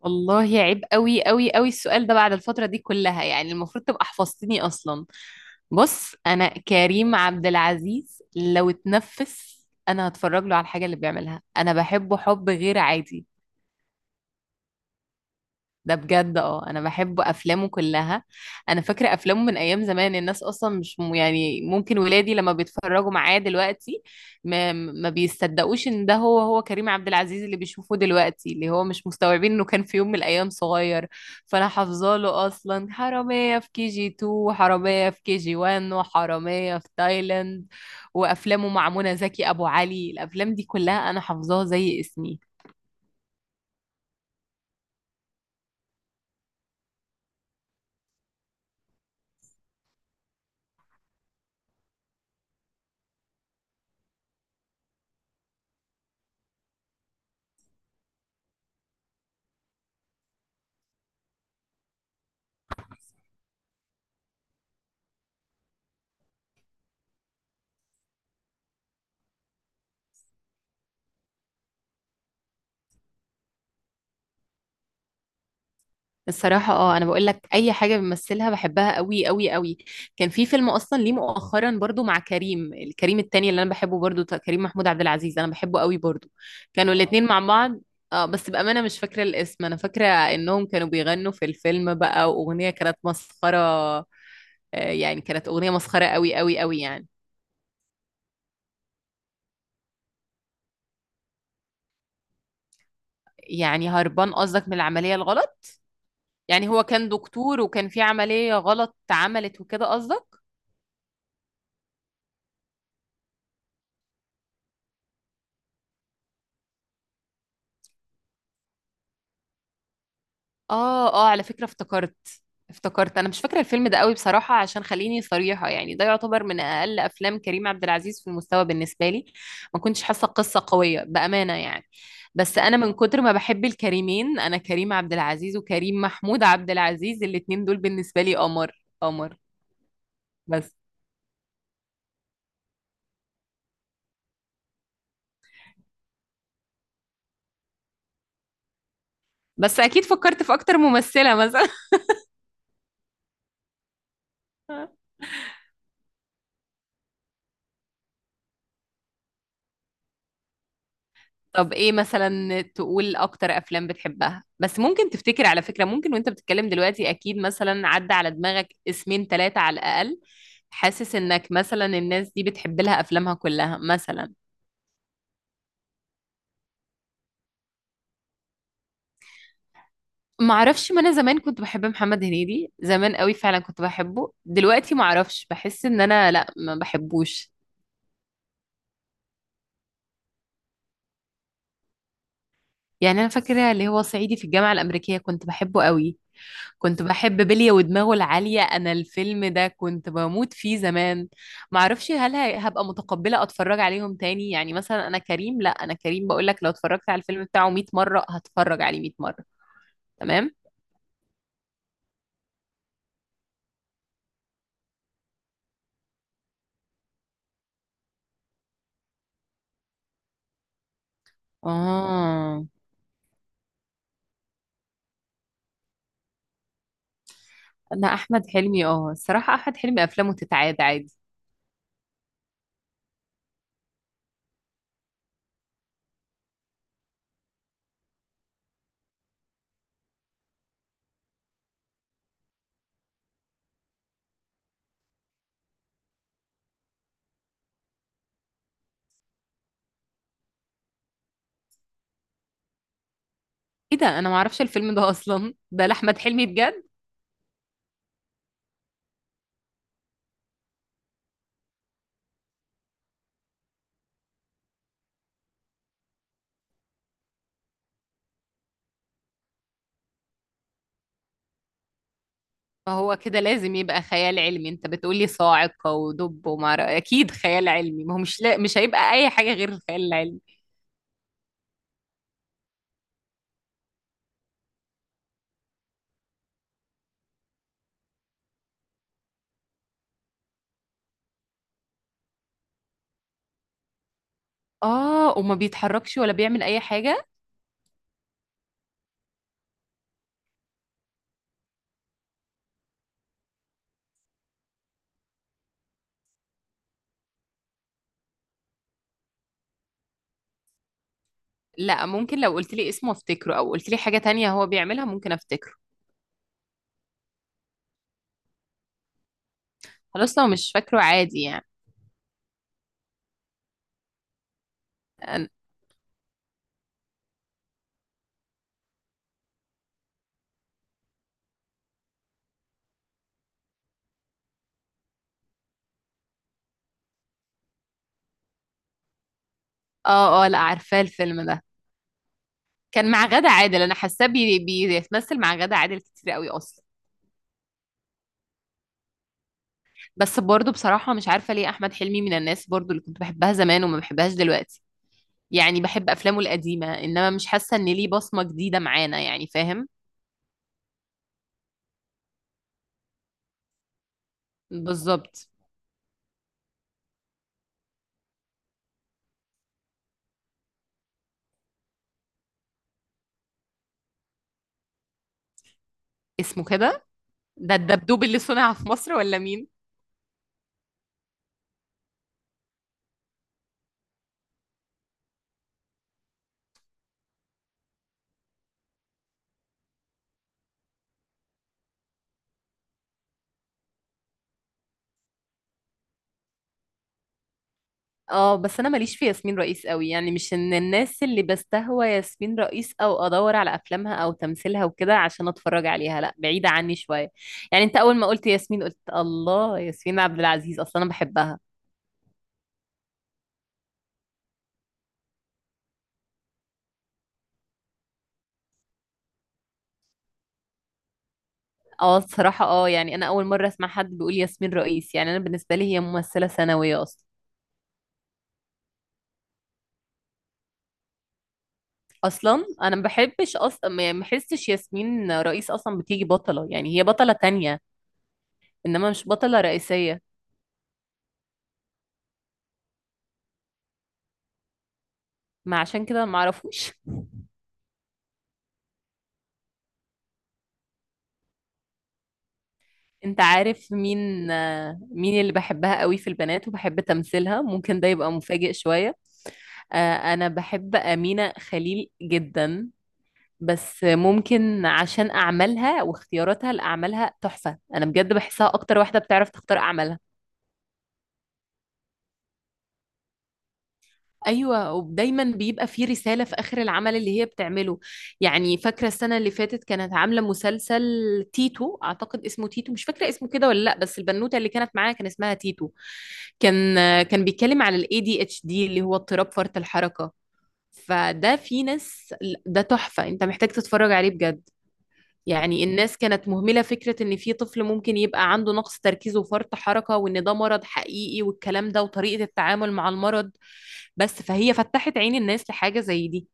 والله عيب قوي قوي قوي السؤال ده بعد الفترة دي كلها، يعني المفروض تبقى حفظتني أصلا. بص، أنا كريم عبد العزيز لو اتنفس أنا هتفرج له على الحاجة اللي بيعملها. أنا بحبه حب غير عادي ده بجد. اه انا بحب افلامه كلها. انا فاكره افلامه من ايام زمان، الناس اصلا مش يعني ممكن ولادي لما بيتفرجوا معاه دلوقتي ما بيصدقوش ان ده هو كريم عبد العزيز اللي بيشوفوه دلوقتي، اللي هو مش مستوعبين انه كان في يوم من الايام صغير. فانا حافظه له اصلا حراميه في كي جي 2 وحراميه في كي جي 1 وحراميه في تايلاند، وافلامه مع منى زكي، ابو علي، الافلام دي كلها انا حافظاها زي اسمي. الصراحة اه، انا بقول لك اي حاجة بيمثلها بحبها قوي قوي قوي. كان في فيلم اصلا ليه مؤخرا برضو مع كريم، الكريم التاني اللي انا بحبه برضو، كريم محمود عبد العزيز انا بحبه قوي برضو. كانوا آه. الاتنين مع بعض. اه بس بأمانة مش فاكرة الاسم. انا فاكرة انهم كانوا بيغنوا في الفيلم بقى، واغنية كانت مسخرة. آه، يعني كانت اغنية مسخرة قوي قوي قوي يعني. يعني هربان قصدك من العملية الغلط؟ يعني هو كان دكتور وكان في عملية غلط اتعملت وكده قصدك؟ اه اه، على فكرة افتكرت. افتكرت. انا مش فاكرة الفيلم ده قوي بصراحة، عشان خليني صريحة يعني، ده يعتبر من اقل افلام كريم عبد العزيز في المستوى بالنسبة لي. ما كنتش حاسة قصة قوية بأمانة يعني. بس انا من كتر ما بحب الكريمين، انا كريم عبد العزيز وكريم محمود عبد العزيز الاتنين دول بالنسبة لي قمر قمر. بس. بس اكيد فكرت في اكتر ممثلة مثلا. طب ايه مثلا، تقول اكتر افلام بتحبها؟ بس ممكن تفتكر، على فكرة، ممكن وانت بتتكلم دلوقتي اكيد مثلا عدى على دماغك اسمين ثلاثة على الاقل. حاسس انك مثلا الناس دي بتحب لها افلامها كلها مثلا. ما اعرفش، ما انا زمان كنت بحب محمد هنيدي زمان قوي، فعلا كنت بحبه. دلوقتي ما اعرفش، بحس ان انا لا، ما بحبوش. يعني انا فاكرة اللي هو صعيدي في الجامعة الامريكية كنت بحبه قوي. كنت بحب بلية ودماغه العالية، أنا الفيلم ده كنت بموت فيه زمان. معرفش هل هبقى متقبلة أتفرج عليهم تاني، يعني مثلا أنا كريم لأ. أنا كريم بقولك لو اتفرجت على الفيلم بتاعه 100 مرة هتفرج عليه 100 مرة. تمام. آه. أنا أحمد حلمي آه، الصراحة أحمد حلمي أفلامه تتعاد عادي. إيه ده؟ أنا معرفش الفيلم ده أصلا. ده لأحمد حلمي بجد؟ فهو كده لازم يبقى خيال علمي. أنت بتقولي صاعقة ودب ومعرفش، أكيد خيال علمي، ما هو مش لا... مش هيبقى أي حاجة غير الخيال العلمي. اه وما بيتحركش ولا بيعمل اي حاجة؟ لا ممكن، لو قلت لي اسمه افتكره، او قلت لي حاجة تانية هو بيعملها ممكن افتكره. خلاص لو مش فاكره عادي يعني. أنا- اه اه، لا عارفاه الفيلم ده. كان مع غادة عادل. انا حاساه بيتمثل مع غادة عادل كتير قوي اصلا. بس برضه بصراحة مش عارفة ليه احمد حلمي من الناس برضه اللي كنت بحبها زمان وما بحبهاش دلوقتي. يعني بحب افلامه القديمة، انما مش حاسة ان ليه بصمة جديدة معانا، يعني فاهم. بالظبط. اسمه كده؟ ده الدبدوب اللي صنع في مصر ولا مين؟ اه بس انا ماليش في ياسمين رئيس قوي، يعني مش ان الناس اللي بستهوى ياسمين رئيس او ادور على افلامها او تمثيلها وكده عشان اتفرج عليها، لا بعيدة عني شوية. يعني انت اول ما قلت ياسمين قلت الله، ياسمين عبد العزيز اصلا انا بحبها. اه الصراحة اه، يعني انا اول مرة اسمع حد بيقول ياسمين رئيس. يعني انا بالنسبة لي هي ممثلة ثانوية اصلا. اصلا انا ما بحبش اصلا، ما يعني ما بحسش ياسمين رئيس اصلا بتيجي بطلة. يعني هي بطلة تانية، انما مش بطلة رئيسية. ما عشان كده ما اعرفوش. انت عارف مين آه، مين اللي بحبها قوي في البنات وبحب تمثيلها؟ ممكن ده يبقى مفاجئ شوية. آه، انا بحب أمينة خليل جدا. بس ممكن عشان أعمالها واختياراتها لأعمالها تحفة، انا بجد بحسها اكتر واحدة بتعرف تختار أعمالها. ايوه ودايما بيبقى في رساله في اخر العمل اللي هي بتعمله. يعني فاكره السنه اللي فاتت كانت عامله مسلسل تيتو، اعتقد اسمه تيتو، مش فاكره اسمه كده ولا لا، بس البنوته اللي كانت معاها كان اسمها تيتو. كان. كان بيتكلم على الاي دي اتش دي اللي هو اضطراب فرط الحركه. فده في ناس، ده تحفه، انت محتاج تتفرج عليه بجد. يعني الناس كانت مهملة فكرة إن في طفل ممكن يبقى عنده نقص تركيز وفرط حركة، وإن ده مرض حقيقي والكلام ده، وطريقة التعامل مع المرض. بس فهي فتحت عين الناس لحاجة زي دي.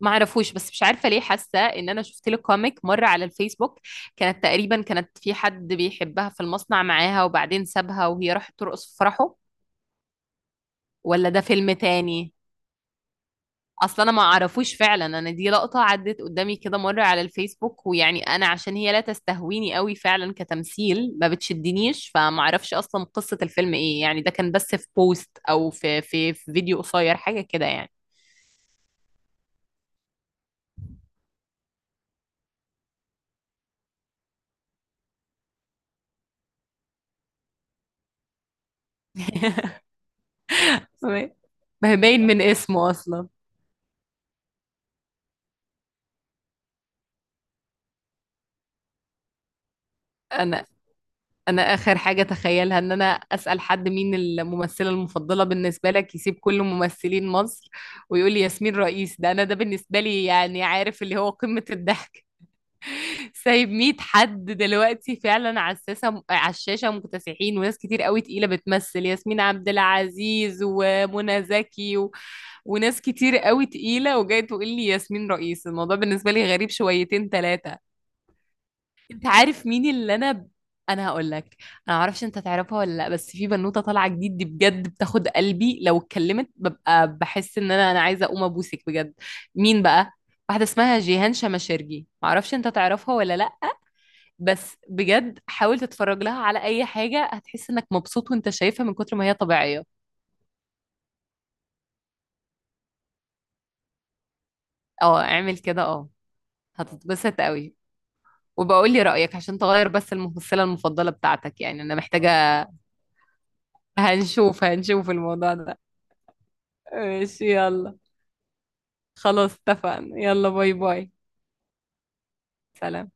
ما اعرفوش، بس مش عارفة ليه حاسة إن أنا شفت لك كوميك مرة على الفيسبوك. كانت تقريبا كانت في حد بيحبها في المصنع معاها، وبعدين سابها وهي راحت ترقص في فرحه. ولا ده فيلم تاني؟ اصل انا ما اعرفوش فعلا. انا دي لقطة عدت قدامي كده مرة على الفيسبوك، ويعني انا عشان هي لا تستهويني قوي فعلا كتمثيل، ما بتشدنيش، فما اعرفش اصلا قصة الفيلم ايه، يعني ده كان بس في بوست او في في فيديو قصير حاجة كده يعني. ما هي باين من اسمه اصلا. انا. انا اخر حاجة تخيلها ان انا اسأل حد مين الممثلة المفضلة بالنسبة لك يسيب كل ممثلين مصر ويقول لي ياسمين رئيس. ده انا ده بالنسبة لي يعني عارف اللي هو قمة الضحك. سايب 100 حد دلوقتي فعلا على الساسة على الشاشة مكتسحين وناس كتير قوي تقيلة بتمثل، ياسمين عبد العزيز ومنى زكي و... وناس كتير قوي تقيلة، وجاي تقول لي ياسمين رئيس؟ الموضوع بالنسبة لي غريب شويتين ثلاثة. انت عارف مين اللي انا هقول لك. انا معرفش انت تعرفها ولا لا، بس في بنوتة طالعة جديد دي بجد بتاخد قلبي، لو اتكلمت ببقى بحس ان انا عايزة اقوم ابوسك بجد. مين بقى؟ واحدة اسمها جيهان شماشرجي، معرفش انت تعرفها ولا لا، بس بجد حاول تتفرج لها على اي حاجة، هتحس انك مبسوط وانت شايفها من كتر ما هي طبيعية. اه اعمل كده اه. هتتبسط قوي. وبقول لي رأيك عشان تغير بس الممثلة المفضلة بتاعتك، يعني انا محتاجة. هنشوف هنشوف الموضوع ده. ماشي يلا. خلاص اتفقنا، يلا باي باي. سلام.